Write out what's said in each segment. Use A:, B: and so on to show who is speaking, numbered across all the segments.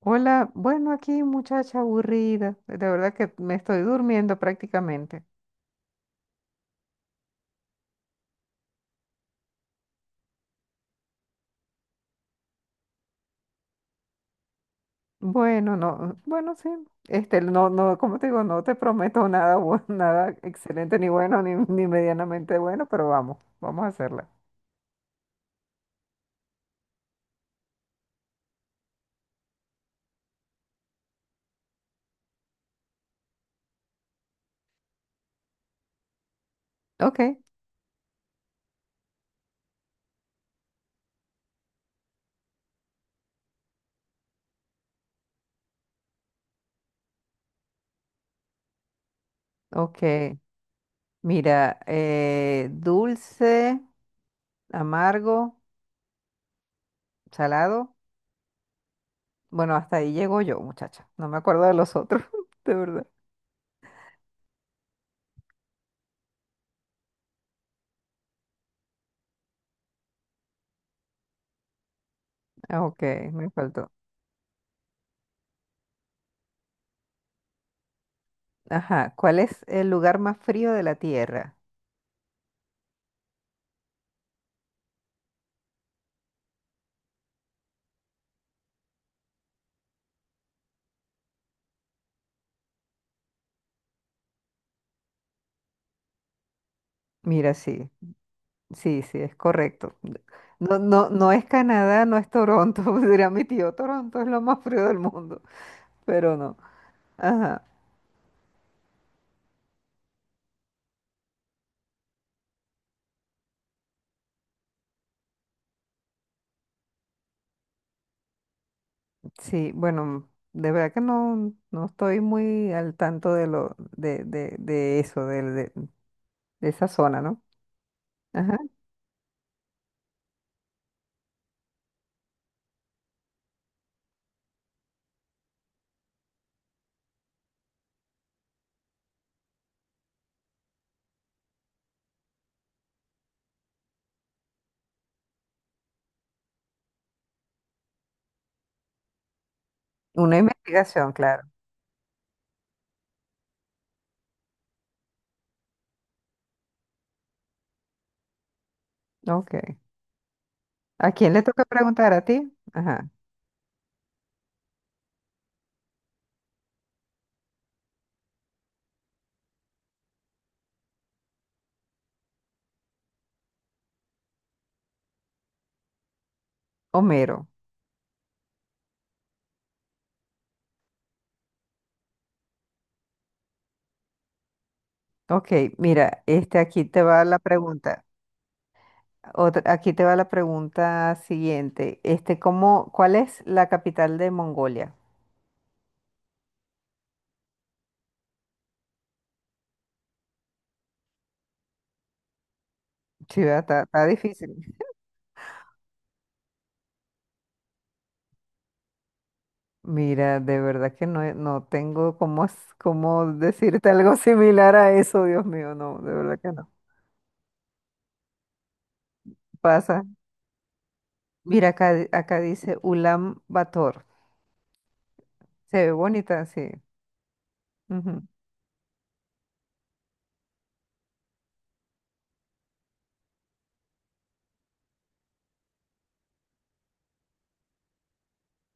A: Hola, bueno, aquí muchacha aburrida, de verdad que me estoy durmiendo prácticamente. Bueno, no, bueno, sí, no, no, como te digo, no te prometo nada, nada excelente, ni bueno, ni medianamente bueno, pero vamos, vamos a hacerla. Ok, ok, mira, dulce, amargo, salado, bueno, hasta ahí llego yo, muchacha, no me acuerdo de los otros, de verdad. Ah, ok, me faltó. Ajá, ¿cuál es el lugar más frío de la Tierra? Mira, sí, sí, sí, es correcto. No, no, no es Canadá, no es Toronto, dirá mi tío, Toronto es lo más frío del mundo, pero no. Ajá, sí, bueno, de verdad que no, no estoy muy al tanto de eso, de esa zona, ¿no? Ajá. Una investigación, claro. Ok. ¿A quién le toca preguntar? ¿A ti? Ajá. Homero. Ok, mira, este aquí te va la pregunta. Aquí te va la pregunta siguiente. ¿Cómo, cuál es la capital de Mongolia? Sí, ¿verdad? Está, está difícil. Mira, de verdad que no, no tengo cómo, cómo decirte algo similar a eso, Dios mío, no, de verdad que no. Pasa. Mira, acá, acá dice Ulan Bator. Se ve bonita, sí. Ujú.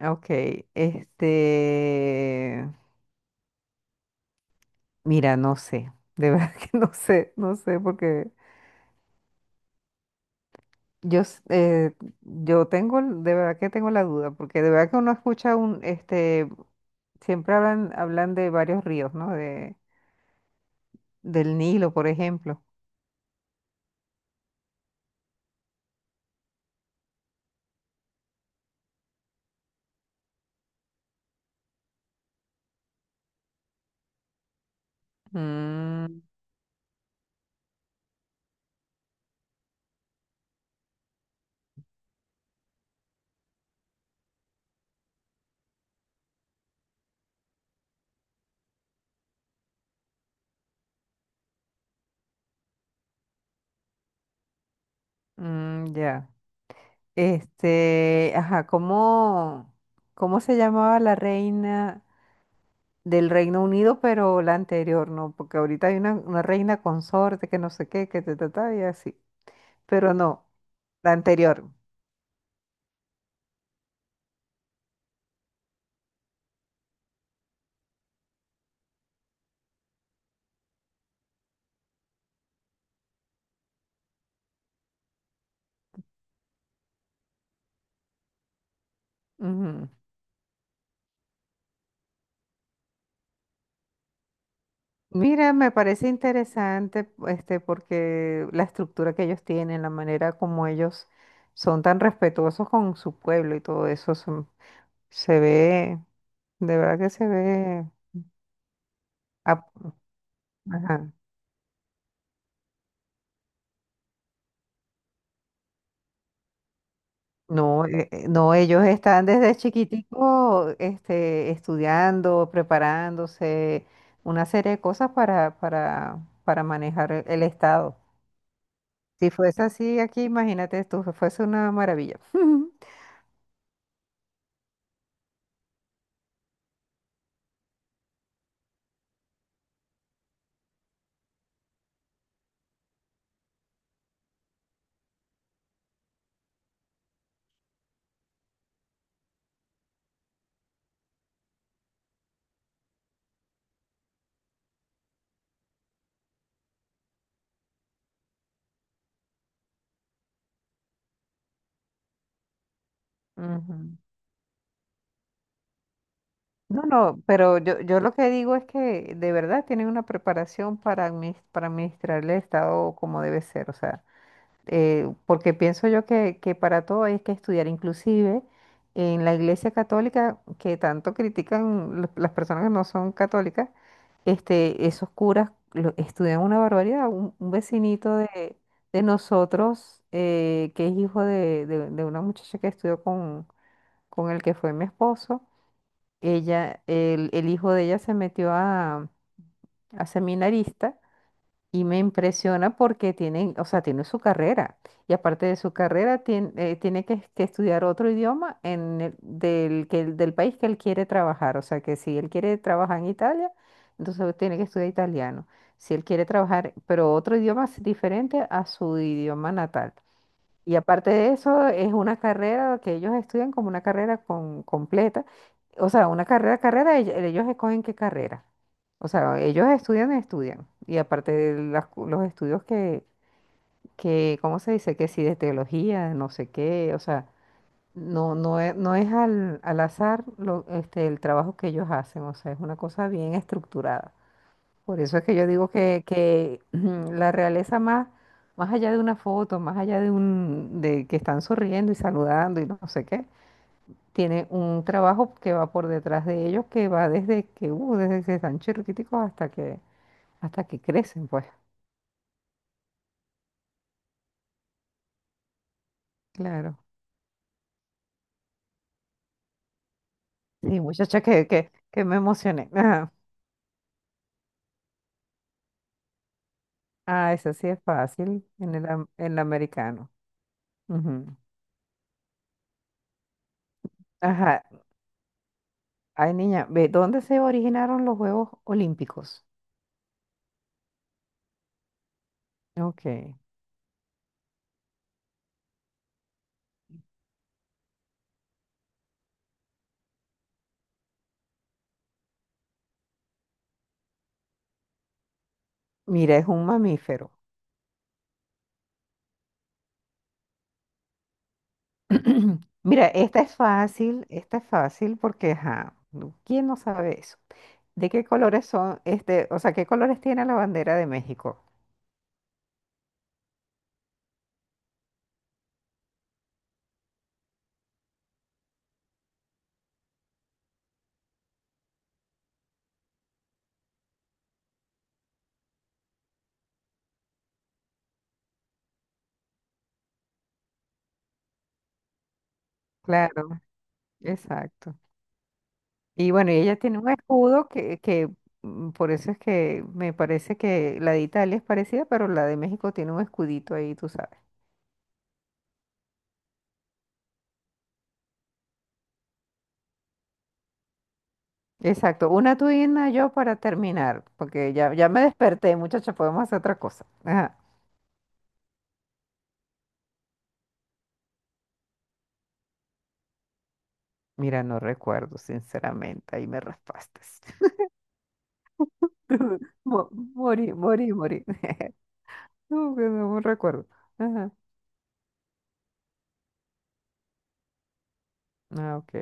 A: Ok, este, mira, no sé, de verdad que no sé, no sé, porque yo, yo tengo, de verdad que tengo la duda, porque de verdad que uno escucha un, siempre hablan de varios ríos, ¿no? De, del Nilo, por ejemplo. Mm, ya. Ajá, ¿cómo se llamaba la reina del Reino Unido, pero la anterior, ¿no? Porque ahorita hay una reina consorte que no sé qué, que te trata y así. Pero no, la anterior. Ujú. Mira, me parece interesante, porque la estructura que ellos tienen, la manera como ellos son tan respetuosos con su pueblo y todo eso, se ve, de verdad que se ve. ap- ajá. No, no, ellos están desde chiquitico, estudiando, preparándose, una serie de cosas para manejar el Estado. Si fuese así aquí, imagínate tú, fuese una maravilla. Ujú. No, no, pero yo lo que digo es que de verdad tienen una preparación para, para administrar el Estado como debe ser, o sea, porque pienso yo que para todo hay que estudiar, inclusive en la Iglesia Católica, que tanto critican las personas que no son católicas, esos curas estudian una barbaridad. Un vecinito de nosotros, que es hijo de una muchacha que estudió con el que fue mi esposo, ella, el hijo de ella se metió a seminarista y me impresiona porque tiene, o sea, tiene su carrera y aparte de su carrera tiene, tiene que estudiar otro idioma en del, que, del país que él quiere trabajar, o sea, que si él quiere trabajar en Italia, entonces tiene que estudiar italiano. Si él quiere trabajar, pero otro idioma es diferente a su idioma natal. Y aparte de eso, es una carrera que ellos estudian como una carrera con, completa. O sea, una carrera, carrera, ellos escogen qué carrera. O sea, ellos estudian, estudian. Y aparte de los estudios ¿cómo se dice? Que si de teología, no sé qué. O sea, no, no es, no es al, al azar lo, el trabajo que ellos hacen. O sea, es una cosa bien estructurada. Por eso es que yo digo que la realeza más, más allá de una foto, más allá de un, de que están sonriendo y saludando y no sé qué, tiene un trabajo que va por detrás de ellos, que va desde desde que están chiquiticos hasta que crecen, pues. Claro. Sí, muchacha, que me emocioné. Ajá. Ah, eso sí es fácil en el, en el americano. Ujú. Ajá. Ay, niña, ve, ¿dónde se originaron los Juegos Olímpicos? Ok. Mira, es un mamífero. Mira, esta es fácil porque, ajá, ¿quién no sabe eso? ¿De qué colores son, o sea, qué colores tiene la bandera de México? Claro, exacto. Y bueno, y ella tiene un escudo por eso es que me parece que la de Italia es parecida, pero la de México tiene un escudito ahí, tú sabes. Exacto, una tú y una yo para terminar, porque ya, ya me desperté, muchacha, podemos hacer otra cosa. Ajá. Mira, no recuerdo, sinceramente, ahí me raspaste. Mo- Morí, morí, morí. No, que no me recuerdo. Ajá. Ah, ok.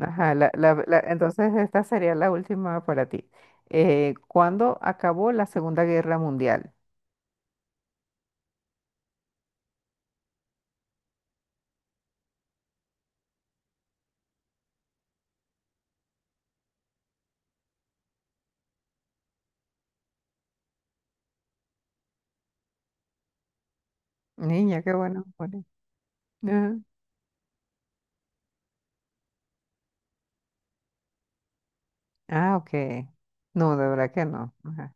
A: Ajá, entonces esta sería la última para ti. ¿Cuándo acabó la Segunda Guerra Mundial? Niña, qué bueno. Morí. Ajá. Ah, ok. No, de verdad que no. Ajá.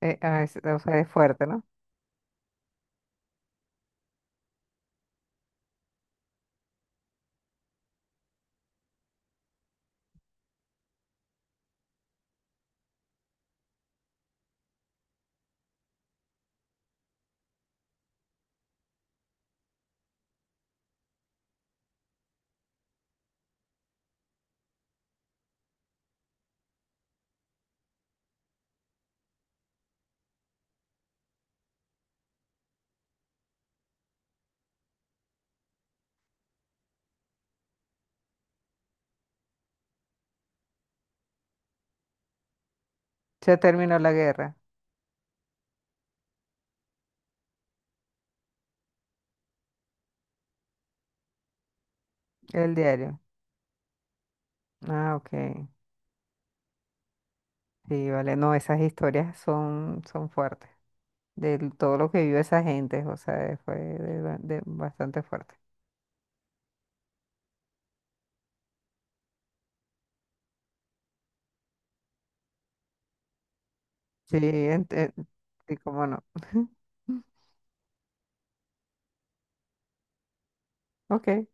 A: O sea, es fuerte, ¿no? Se terminó la guerra, el diario. Ah, ok. Sí, vale. No, esas historias son, son fuertes. De todo lo que vivió esa gente, o sea, fue de de bastante fuerte. Sí, sí, cómo no. Ok.